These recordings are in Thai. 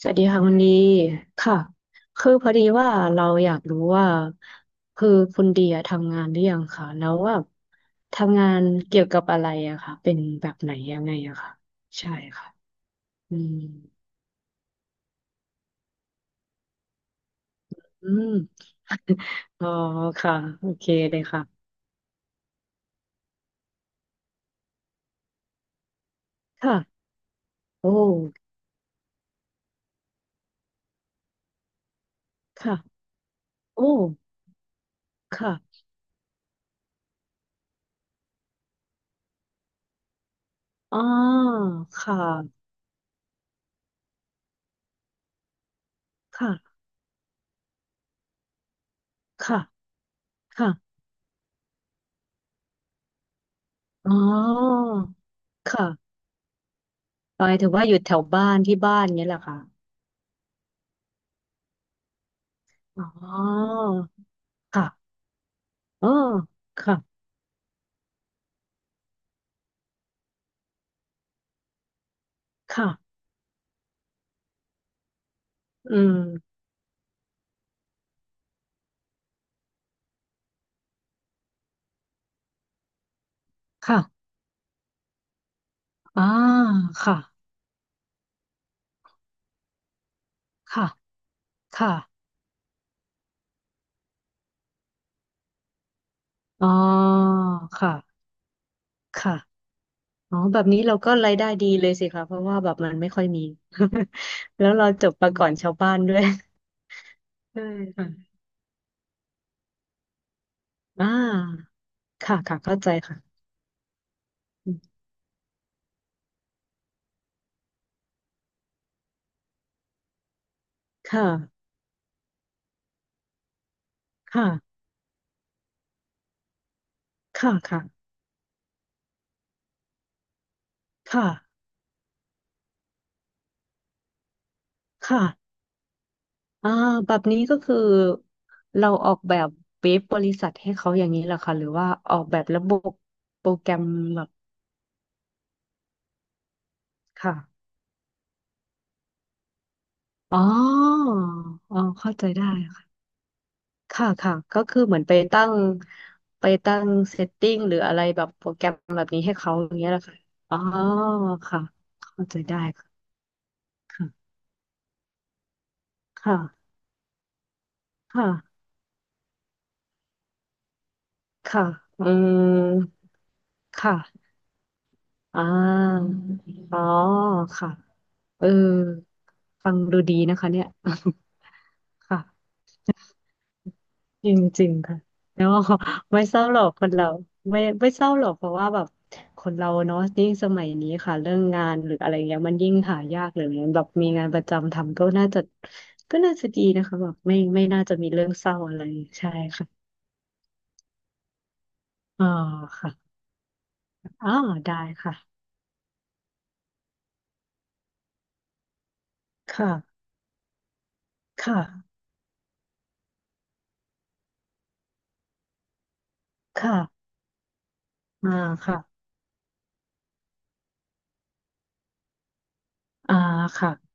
สวัสดีค่ะคุณดีค่ะคือพอดีว่าเราอยากรู้ว่าคือคุณดีอะทำงานหรือยังคะแล้วว่าทำงานเกี่ยวกับอะไรอะค่ะเป็นแบบไหนยังไงอะค่ะใช่ค่ะอืมอืมอ๋อค่ะโอเคเลยค่ะค่ะโอ้ค่ะโอ้ค่ะอ๋อค่ะค่ะค่ะค่ะอ๋อค่ะหมายถึงว่าอยู่แถวบ้านที่บ้านเงี้ยแหละค่ะอ๋อค่ะ อ๋อค่ะค่ะอืมค่ะอ่าค่ะค่ะค่ะอ๋อค่ะค่ะอ๋อ แบบนี้เราก็รายได้ดีเลยสิคะ เพราะว่าแบบมันไม่ค่อยมี แล้วเราจบมาก่อนชาวบ้านด้วยใช่ค่ะอ่าค่ะค่ะเข้าใจค่ะค่ะค่ะค่ะค่ะค่ะค่ะอ่าแบบนี้ก็คือเราออกแบบเว็บบริษัทให้เขาอย่างนี้เหรอคะหรือว่าออกแบบระบบโปรแกรมแบบ ค่ะ อ๋ออ๋อเข้าใจได้ค่ะค่ะ ค่ะ ก็คือเหมือนไปตั้งเซตติ้งหรืออะไรแบบโปรแกรมแบบนี้ให้เขาอย่างเงี้ยแหละค่ะอ๋อ ค่ะเข้าใจได้ค่ะค่ะค่ะค่ะค่ะอืมค่ะอ่าอ๋อ ค่ะเออฟังดูดีนะคะเนี่ย ค่ะ จริงๆค่ะแล้วก็ไม่เศร้าหรอกคนเราไม่เศร้าหรอกเพราะว่าแบบคนเราเนาะยิ่งสมัยนี้ค่ะเรื่องงานหรืออะไรเงี้ยมันยิ่งหายากเลยแบบมีงานประจำทำก็น่าจะก็น่าจะดีนะคะแบบไม่น่าจะมีเรื่องเศร้าอะไรใช่ค่ะอ๋อค่ะอ๋อได้ค่ะค่ะค่ะค่ะอ่าค่ะอ่าค่ะ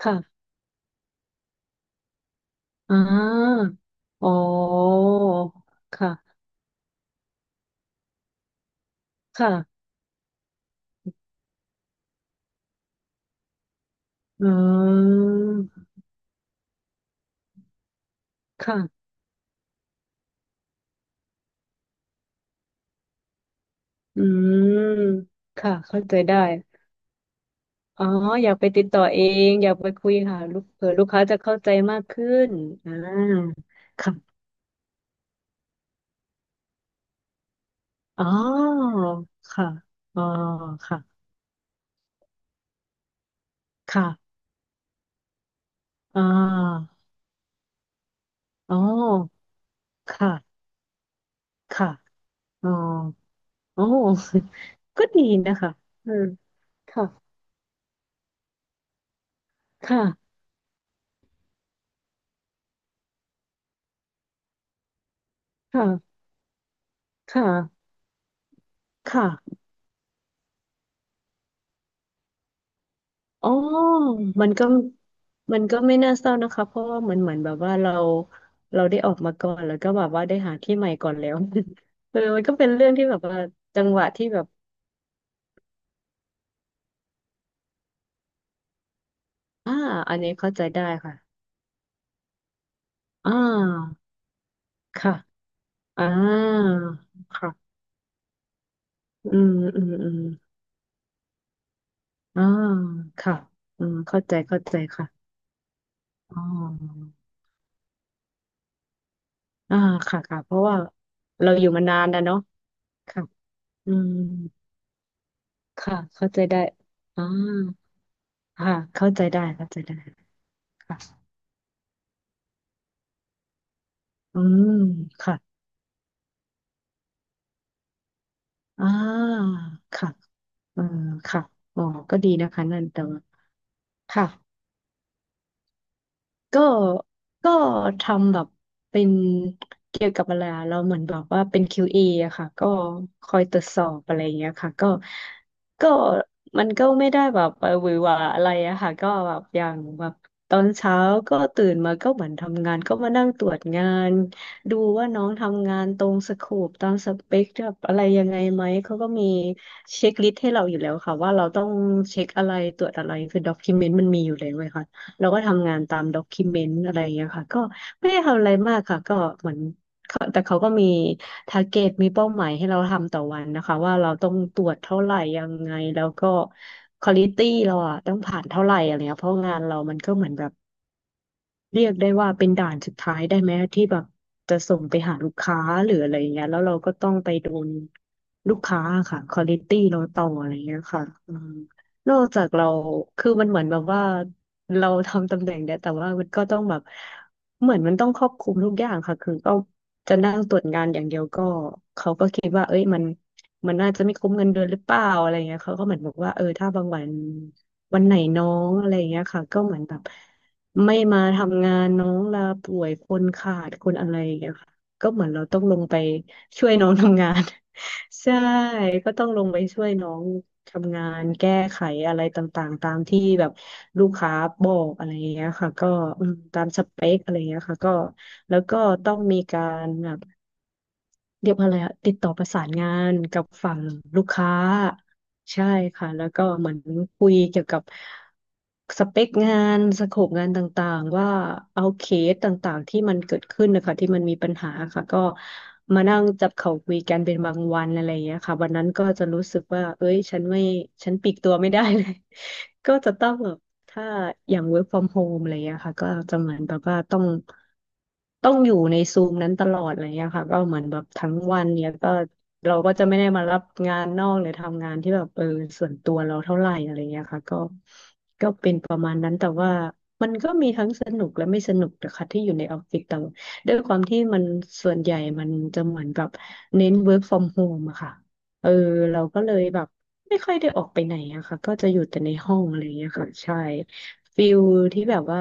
ค่ะอ่าอ๋อค่ะค่ะอืมค่ะ อืมค่ะเข้าใจได้อ๋ออยากไปติดต่อเองอยากไปคุยค่ะลูกเผื่อลูกค้าจะเข้าใจมากขึ้นอ่าค่ะอ๋อค่ะอ๋อค่ะค่ะอ่าอ๋อค่ะค่ะอ๋อโอ้ ก็ดีนะคะ อืม ค่ะ ค่ะ ค่ะ ค่ะค่ะ อ๋อมันก็มันก็ไม่น่าเศร้านะคะเพราะว่าเหมือนแบบว่าเราได้ออกมาก่อนแล้วก็แบบว่าได้หาที่ใหม่ก่อนแล้ว เออมันก็เป็นเรื่องที่แบบว่าจังหวะที่แบบอ่าอันนี้เข้าใจได้ค่ะอ่าค่ะอ่าค่ะอืมอืมอ่าค่ะอืมเข้าใจค่ะอ๋ออ่าค่ะค่ะ เพราะว่าเราอยู่มานานแล้วเนาะค่ะอืมค่ะเข้าใจได้อ่า ค่ะเข้าใจได้ค่ะอืมค่ะอ่าค่ะเออค่ะอ๋อก็ดีนะคะนั่นแต่ว่าค่ะ ก็ก็ทำแบบเป็นเกี่ยวกับอะไรอะเราเหมือนแบบว่าเป็น QA ออะค่ะก็คอยตรวจสอบอะไรอย่างเงี้ยค่ะก็ก็มันก็ไม่ได้แบบหวือหวาอะไรอะค่ะก็แบบอย่างแบบตอนเช้าก็ตื่นมาก็เหมือนทำงานก็มานั่งตรวจงานดูว่าน้องทำงานตรงสโคปตามสเปคแบบอะไรยังไงไหมเขาก็มีเช็คลิสต์ให้เราอยู่แล้วค่ะว่าเราต้องเช็คอะไรตรวจอะไรคือด็อกิเมนต์มันมีอยู่แล้วเลยค่ะ เราก็ทำงานตามด็อกิเมนต์อะไรอย่างเงี้ยค่ะก็ไม่ได้ทำอะไรมากค่ะก็เหมือนเขาแต่เขาก็มีทาร์เก็ตมีเป้าหมายให้เราทำต่อวันนะคะว่าเราต้องตรวจเท่าไหร่ยังไงแล้วก็ควอลิตี้เราอะต้องผ่านเท่าไหร่อะไรเงี้ยเพราะงานเรามันก็เหมือนแบบ เรียกได้ว่าเป็นด่านสุดท้ายได้ไหมที่แบบจะส่งไปหาลูกค้าหรืออะไรเงี้ยแล้วเราก็ต้องไปโดนลูกค้าค่ะควอลิตี้เราต่ออะไรเงี้ยค่ะอืมนอกจากเราคือมันเหมือนแบบว่าเราทำตำแหน่งเนี่ยแต่ว่ามันก็ต้องแบบเหมือนมันต้องครอบคลุมทุกอย่างค่ะคือก็จะนั่งตรวจงานอย่างเดียวก็เขาก็คิดว่าเอ้ยมันน่าจะไม่คุ้มเงินเดือนหรือเปล่าอะไรเงี้ยเขาก็เหมือนบอกว่าเออถ้าบางวันวันไหนน้องอะไรเงี้ยค่ะก็เหมือนแบบ ไม่มาทำงานน้องลาป่วยคนขาดคนอะไรอย่างเงี้ยค่ะก็เหมือนเราต้องลงไปช่วยน้องทำงาน ใช่ก็ต้องลงไปช่วยน้องทำงานแก้ไขอะไรต่างๆตามที่แบบลูกค้าบอกอะไรอย่างเงี้ยค่ะก็อืมตามสเปคอะไรอย่างเงี้ยค่ะก็แล้วก็ต้องมีการแบบ เรียกว่าอะไรอะติดต่อประสานงานกับฝั่งลูกค้าใช่ค่ะแล้วก็เหมือนคุยเกี่ยวกับสเปคงานสโคปงานต่างๆว่าเอาเคสต่างๆที่มันเกิดขึ้นนะคะที่มันมีปัญหาค่ะก็มานั่งจับเข่าคุยกันเป็นบางวันอะไรอย่างเงี้ยค่ะวันนั้นก็จะรู้สึกว่าเอ้ยฉันปลีกตัวไม่ได้เลย ก็จะต้องแบบ ถ้าอย่าง work from home อะไรอย่างเงี้ยค่ะก็จะเหมือนแบบว่าต้องอยู่ในซูมนั้นตลอดอะไรอย่างเงี้ยค่ะก็เหมือนแบบทั้งวันเนี้ยก็เราก็จะไม่ได้มารับงานนอกหรือทำงานที่แบบส่วนตัวเราเท่าไหร่อะไรอย่างเงี้ยค่ะก็เป็นประมาณนั้นแต่ว่ามันก็มีทั้งสนุกและไม่สนุกนะคะที่อยู่ในออฟฟิศแต่ว่าด้วยความที่มันส่วนใหญ่มันจะเหมือนแบบเน้น work from home อะค่ะเออเราก็เลยแบบ ไม่ค่อยได้ออกไปไหนอะค่ะก็จะอยู่แต่ในห้องอะไรอย่างเงี้ยค่ะใช่ฟิลที่แบบว่า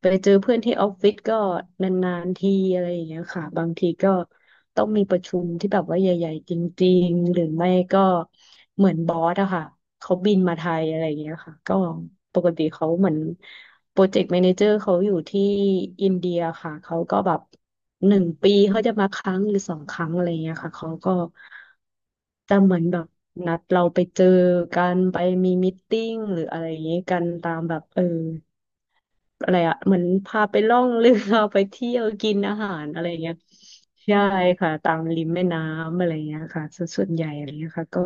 ไปเจอเพื่อนที่ออฟฟิศก็นานๆทีอะไรอย่างเงี้ยค่ะบางทีก็ต้องมีประชุมที่แบบว่าใหญ่ๆจริงๆหรือไม่ก็เหมือนบอสอะค่ะเขาบินมาไทยอะไรอย่างเงี้ยค่ะก็ปกติเขาเหมือน โปรเจกต์แมเนเจอร์เขาอยู่ที่อินเดียค่ะ เขาก็แบบหนึ่งปีเขาจะมาครั้งหรือสองครั้งอะไรเงี้ยค่ะ เขาก็จะเหมือนแบบนัดเราไปเจอกันไปมีมิทติ้งหรืออะไรอย่างเงี้ยกันตามแบบอะไรอะเหมือนพาไปล่องเรือ ไปเที่ยวกินอาหารอะไรเงี้ยใช่ค่ะตามริมแม่น้ำอะไรเงี้ยค่ะส่วนใหญ่อะไรเงี้ยค่ะก็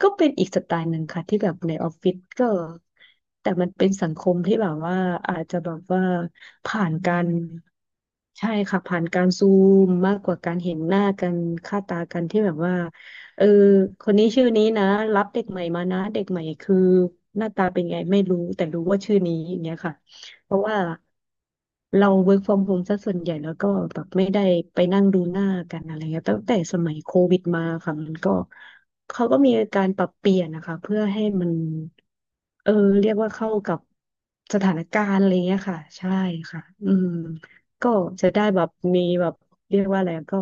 ก็เป็นอีกสไตล์หนึ่งค่ะที่แบบในออฟฟิศก็แต่มันเป็นสังคมที่แบบว่าอาจจะแบบว่าผ่านการใช่ค่ะผ่านการซูมมากกว่าการเห็นหน้ากันค่าตากันที่แบบว่าเออคนนี้ชื่อนี้นะรับเด็กใหม่มานะเด็กใหม่คือหน้าตาเป็นไงไม่รู้แต่รู้ว่าชื่อนี้อย่างเงี้ยค่ะ เพราะว่าเรา work from home ซะส่วนใหญ่แล้วก็แบบไม่ได้ไปนั่งดูหน้ากันอะไรเงี้ยตั้งแต่สมัยโควิดมาค่ะมันก็เขาก็มีการปรับเปลี่ยนนะคะเพื่อให้มันเออเรียกว่าเข้ากับสถานการณ์อะไรเงี้ยค่ะใช่ค่ะอืมก็จะได้แบบมีแบบเรียกว่าอะไรก็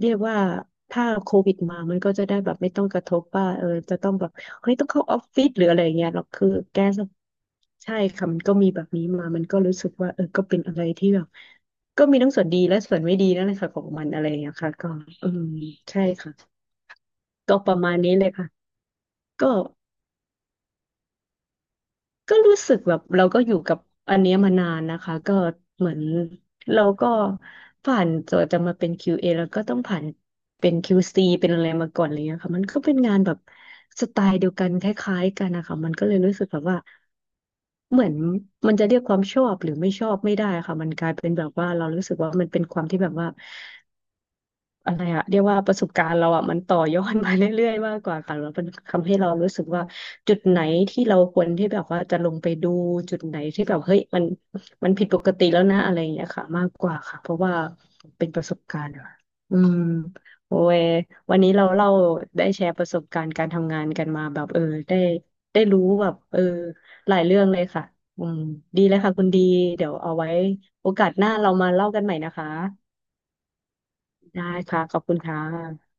เรียกว่าถ้าโควิดมามันก็จะได้แบบไม่ต้องกระทบว่าจะต้องแบบ เฮ้ยต้องเข้าออฟฟิศหรืออะไรเงี้ยหรอกคือแกสใช่ค่ะมันก็มีแบบนี้มามันก็รู้สึกว่าก็เป็นอะไรที่แบบก็มีทั้งส่วนดีและส่วนไม่ดีนั่นแหละค่ะของมันอะไรอย่างเงี้ยค่ะก็เออใช่ค่ะก็ประมาณนี้เลยค่ะก็ก็รู้สึกแบบเราก็อยู่กับอันเนี้ยมานานนะคะก็เหมือนเราก็ผ่านตัวจะมาเป็น QA แล้วก็ต้องผ่านเป็น QC เป็นอะไรมาก่อนอะไรเงี้ยค่ะมันก็เป็นงานแบบสไตล์เดียวกันคล้ายๆกันนะคะมันก็เลยรู้สึกแบบว่า เหมือนมันจะเรียกความชอบหรือไม่ชอบไม่ได้ค่ะมันกลายเป็นแบบว่าเรารู้สึกว่ามันเป็นความที่แบบว่า อะไรอะเรียกว่าประสบการณ์เราอะมันต่อยอดมาเรื่อยๆมากกว่าค่ะแล้วมันทำให้เรารู้สึกว่าจุดไหนที่เราควรที่แบบว่าจะลงไปดูจุดไหนที่แบบเฮ้ยมันมันผิดปกติแล้วนะอะไรอย่างเงี้ยค่ะมากกว่าค่ะเพราะว่าเป็นประสบการณ์อะอืมโอ้ยวันนี้เราเล่าได้แชร์ประสบการณ์การทำงานกันมาแบบได้ได้รู้แบบหลายเรื่องเลยค่ะอืมดีแล้วค่ะคุณดีเดี๋ยวเอาไว้โอกาสหน้าเรามาเล่ากันใหม่นะคะได้ค่ะขอบคุณค่ะ